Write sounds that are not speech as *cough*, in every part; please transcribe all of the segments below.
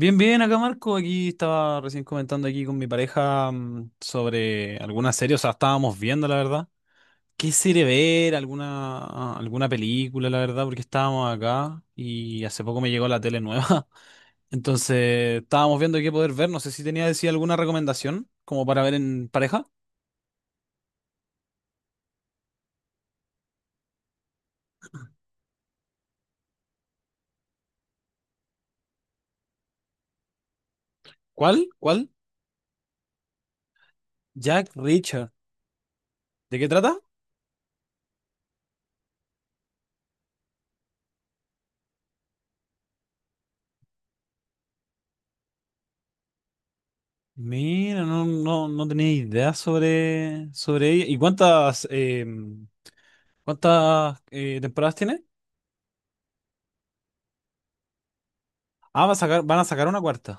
Bien, bien, acá Marco, aquí estaba recién comentando aquí con mi pareja sobre algunas series, o sea, estábamos viendo, la verdad. ¿Qué serie ver? ¿Alguna película, la verdad? Porque estábamos acá y hace poco me llegó la tele nueva. *laughs* Entonces, estábamos viendo qué poder ver. No sé si tenía decir alguna recomendación como para ver en pareja. ¿Cuál? ¿Cuál? Jack Reacher. ¿De qué trata? Mira, no, no, no tenía idea sobre ella. ¿Y cuántas temporadas tiene? Ah, van a sacar una cuarta.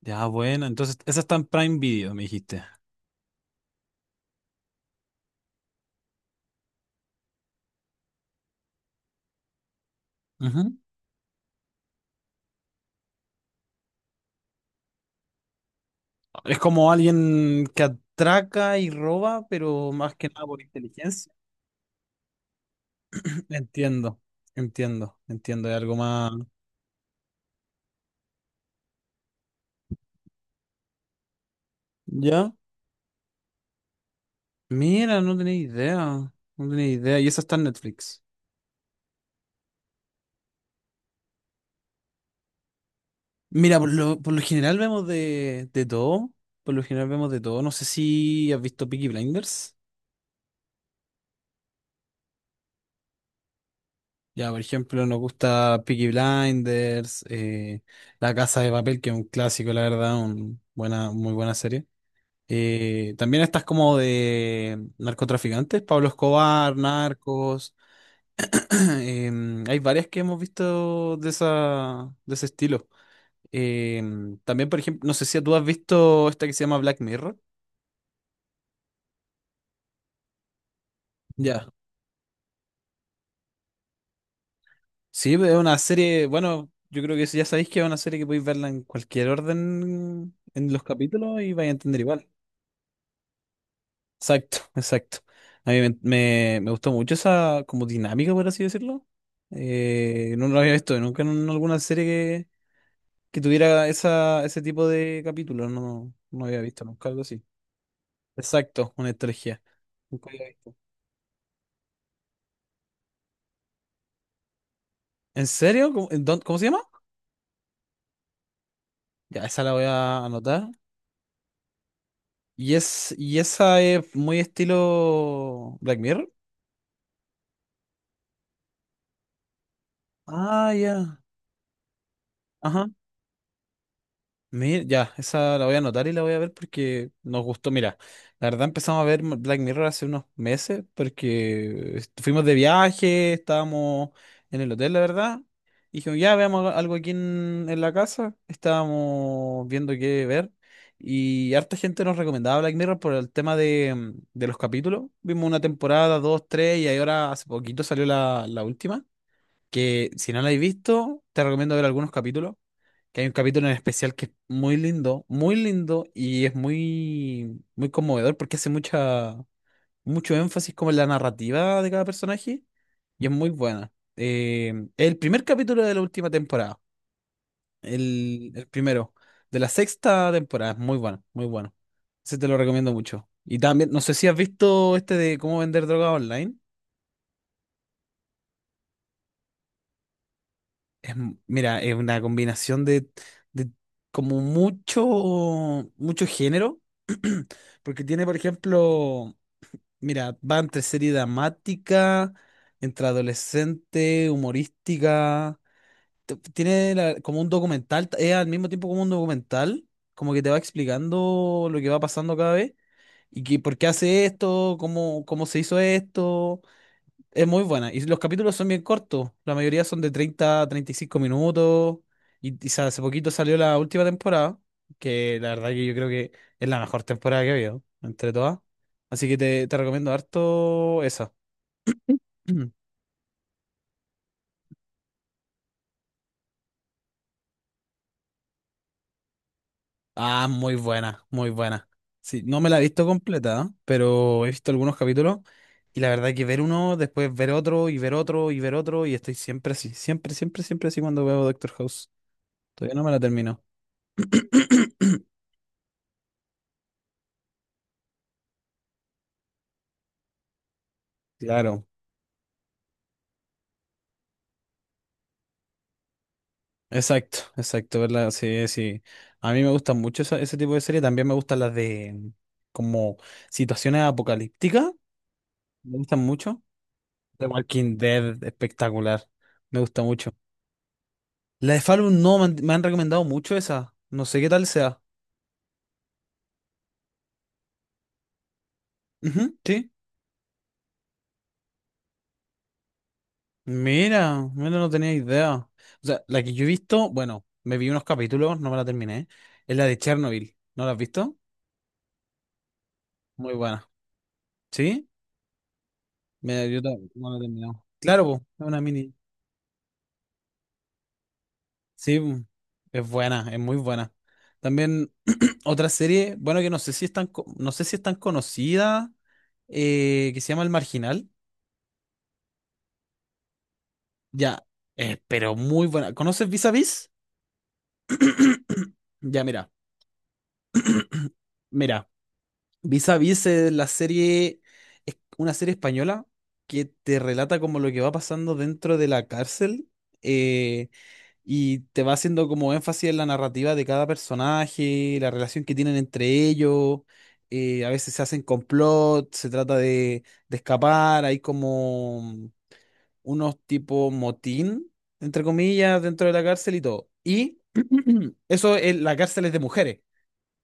Ya, bueno, entonces esa está en Prime Video, me dijiste. Ujú. Es como alguien que atraca y roba, pero más que nada por inteligencia. *clears throat* Entiendo, entiendo, entiendo. Hay algo más. ¿Ya? Mira, no tenía idea. No tenía idea. Y esa está en Netflix. Mira, por lo general vemos de todo. Por lo general vemos de todo. No sé si has visto Peaky Blinders. Ya, por ejemplo, nos gusta Peaky Blinders, La Casa de Papel, que es un clásico, la verdad, muy buena serie. También estas como de narcotraficantes, Pablo Escobar, Narcos. *clears throat* Hay varias que hemos visto de esa, de ese estilo. También, por ejemplo, no sé si tú has visto esta que se llama Black Mirror. Ya. Sí, es una serie, bueno, yo creo que ya sabéis que es una serie que podéis verla en cualquier orden en los capítulos y vais a entender igual. Exacto, exacto. A mí me gustó mucho esa como dinámica, por así decirlo. No lo había visto nunca en alguna serie que tuviera ese tipo de capítulos. No, no había visto nunca algo así. Exacto, una estrategia. Nunca había visto. ¿En serio? ¿Cómo, en cómo se llama? Ya, esa la voy a anotar. Y esa es muy estilo Black Mirror. Ah, ya. Ajá. Ya, esa la voy a anotar y la voy a ver porque nos gustó. Mira, la verdad empezamos a ver Black Mirror hace unos meses porque fuimos de viaje, estábamos en el hotel, la verdad. Y dijimos, ya veamos algo aquí en la casa. Estábamos viendo qué ver. Y harta gente nos recomendaba Black Mirror por el tema de los capítulos. Vimos una temporada, dos, tres, y ahí ahora hace poquito salió la última. Que si no la habéis visto, te recomiendo ver algunos capítulos que hay un capítulo en especial que es muy lindo y es muy, muy conmovedor porque hace mucho énfasis como en la narrativa de cada personaje y es muy buena. El primer capítulo de la última temporada, el primero de la sexta temporada, es muy bueno, muy bueno. Ese te lo recomiendo mucho. Y también, no sé si has visto este de cómo vender droga online. Es mira, es una combinación de como mucho, mucho género, *clears throat* porque tiene, por ejemplo, mira, va entre serie dramática, entre adolescente, humorística, tiene como un documental, es al mismo tiempo como un documental, como que te va explicando lo que va pasando cada vez, y que por qué hace esto, cómo se hizo esto. Es muy buena. Y los capítulos son bien cortos. La mayoría son de treinta y cinco minutos. Y hace poquito salió la última temporada, que la verdad que yo creo que es la mejor temporada que he habido, entre todas. Así que te recomiendo harto esa. *clears throat* Ah, muy buena, muy buena. Sí, no me la he visto completa, ¿eh?, pero he visto algunos capítulos. Y la verdad que ver uno, después ver otro, y ver otro, y ver otro. Y estoy siempre así, siempre, siempre, siempre así cuando veo Doctor House. Todavía no me la termino. *clears throat* Claro. Exacto, exacto, ¿verdad? Sí, sí. A mí me gustan mucho ese tipo de series. También me gustan las de como situaciones apocalípticas. Me gustan mucho. The Walking Dead, espectacular. Me gusta mucho. La de Fallout no, me han recomendado mucho esa. No sé qué tal sea. Ujú, sí. Mira, mira, no tenía idea. O sea, la que yo he visto, bueno, me vi unos capítulos, no me la terminé. Es la de Chernobyl. ¿No la has visto? Muy buena. ¿Sí? Mira, yo no la he terminado. Claro, po, es una mini. Sí, es buena, es muy buena. También *clears throat* otra serie, bueno, que no sé si es tan conocida, que se llama El Marginal. Ya, pero muy buena. ¿Conoces Vis a Vis? *clears throat* Ya, mira, mira. Vis a Vis es una serie española que te relata como lo que va pasando dentro de la cárcel. eh, Y te va haciendo como énfasis en la narrativa de cada personaje, la relación que tienen entre ellos. A veces se hacen complot, se trata de escapar, hay como unos tipo motín, entre comillas, dentro de la cárcel y todo. Y *clears throat* eso, la cárcel es de mujeres,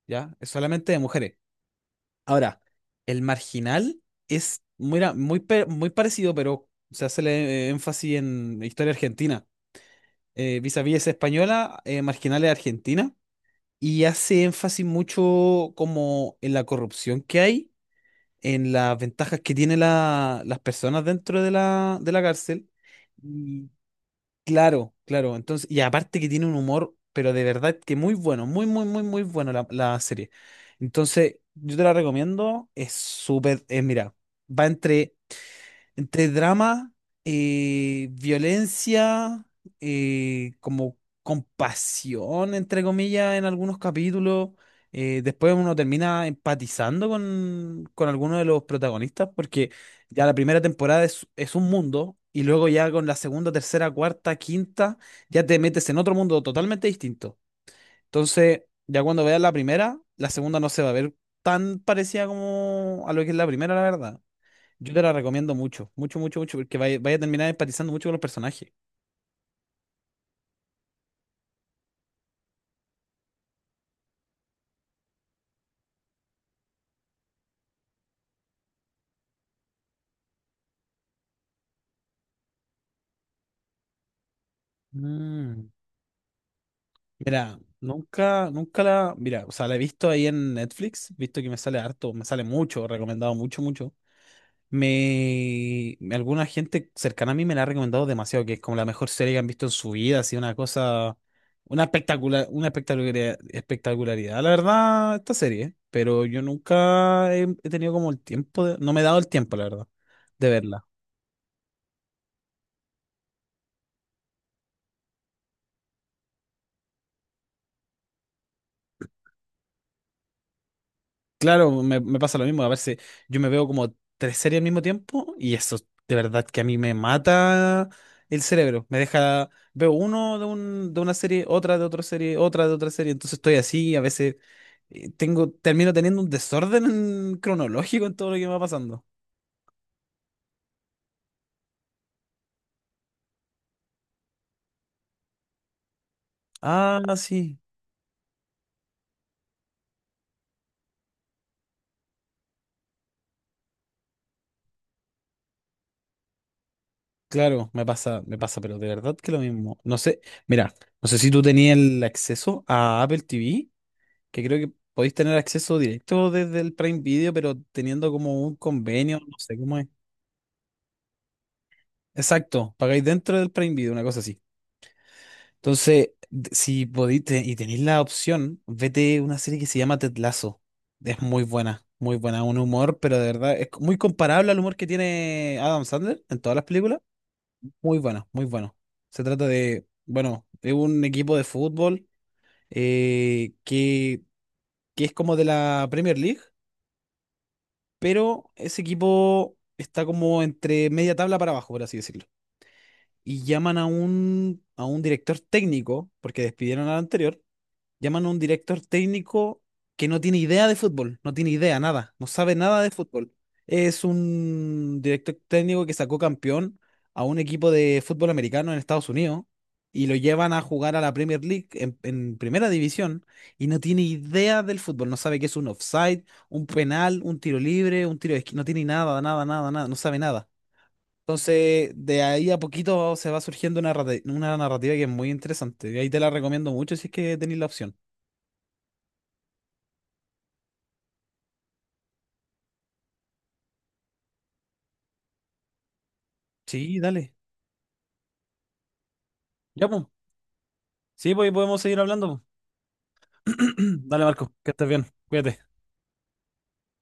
¿ya? Es solamente de mujeres. Ahora, El Marginal es muy parecido, pero se hace el énfasis en historia argentina. Vis a Vis es española, Marginal es argentina, y hace énfasis mucho como en la corrupción que hay, en las ventajas que tienen las personas dentro de la cárcel. Y claro, claro, entonces, y aparte que tiene un humor, pero de verdad que muy bueno, muy, muy, muy, muy bueno la serie. Entonces, yo te la recomiendo, es súper, mira, va entre... Entre drama, violencia, como compasión, entre comillas, en algunos capítulos. Después uno termina empatizando con alguno de los protagonistas, porque ya la primera temporada es un mundo, y luego ya con la segunda, tercera, cuarta, quinta, ya te metes en otro mundo totalmente distinto. Entonces, ya cuando veas la primera, la segunda no se va a ver tan parecida como a lo que es la primera, la verdad. Yo te la recomiendo mucho, mucho, mucho, mucho, porque vaya, vaya a terminar empatizando mucho con los personajes. Mm, Mira, nunca, nunca mira, o sea, la he visto ahí en Netflix, visto que me sale harto, me sale mucho, recomendado mucho, mucho. Alguna gente cercana a mí me la ha recomendado demasiado, que es como la mejor serie que han visto en su vida, así una cosa, una espectacular, una espectacularidad, espectacularidad, la verdad, esta serie, pero yo nunca he tenido como el tiempo, no me he dado el tiempo, la verdad, de verla. Claro, me pasa lo mismo. A veces yo me veo como tres series al mismo tiempo y eso de verdad que a mí me mata el cerebro. Me deja, veo uno de una serie, otra de otra serie, otra de otra serie. Entonces estoy así, a veces termino teniendo un desorden cronológico en todo lo que me va pasando. Ah, sí. Claro, me pasa, pero de verdad que lo mismo. No sé, mira, no sé si tú tenías el acceso a Apple TV, que creo que podéis tener acceso directo desde el Prime Video, pero teniendo como un convenio, no sé cómo es. Exacto, pagáis dentro del Prime Video, una cosa así. Entonces, si podéis y tenéis la opción, vete una serie que se llama Ted Lasso. Es muy buena, un humor, pero de verdad es muy comparable al humor que tiene Adam Sandler en todas las películas. Muy bueno, muy bueno. Se trata de, bueno, de un equipo de fútbol eh, que, que es como de la Premier League, pero ese equipo está como entre media tabla para abajo, por así decirlo. Y llaman a un director técnico, porque despidieron al anterior. Llaman a un director técnico que no tiene idea de fútbol, no tiene idea, nada, no sabe nada de fútbol. Es un director técnico que sacó campeón a un equipo de fútbol americano en Estados Unidos y lo llevan a jugar a la Premier League en primera división, y no tiene idea del fútbol, no sabe qué es un offside, un penal, un tiro libre, un tiro de esquina, no tiene nada, nada, nada, nada, no sabe nada. Entonces, de ahí a poquito se va surgiendo una narrativa que es muy interesante. Y ahí te la recomiendo mucho si es que tenéis la opción. Sí, dale. Ya, pues. Sí, pues y podemos seguir hablando, po. *clears throat* Dale, Marco, que estés bien. Cuídate.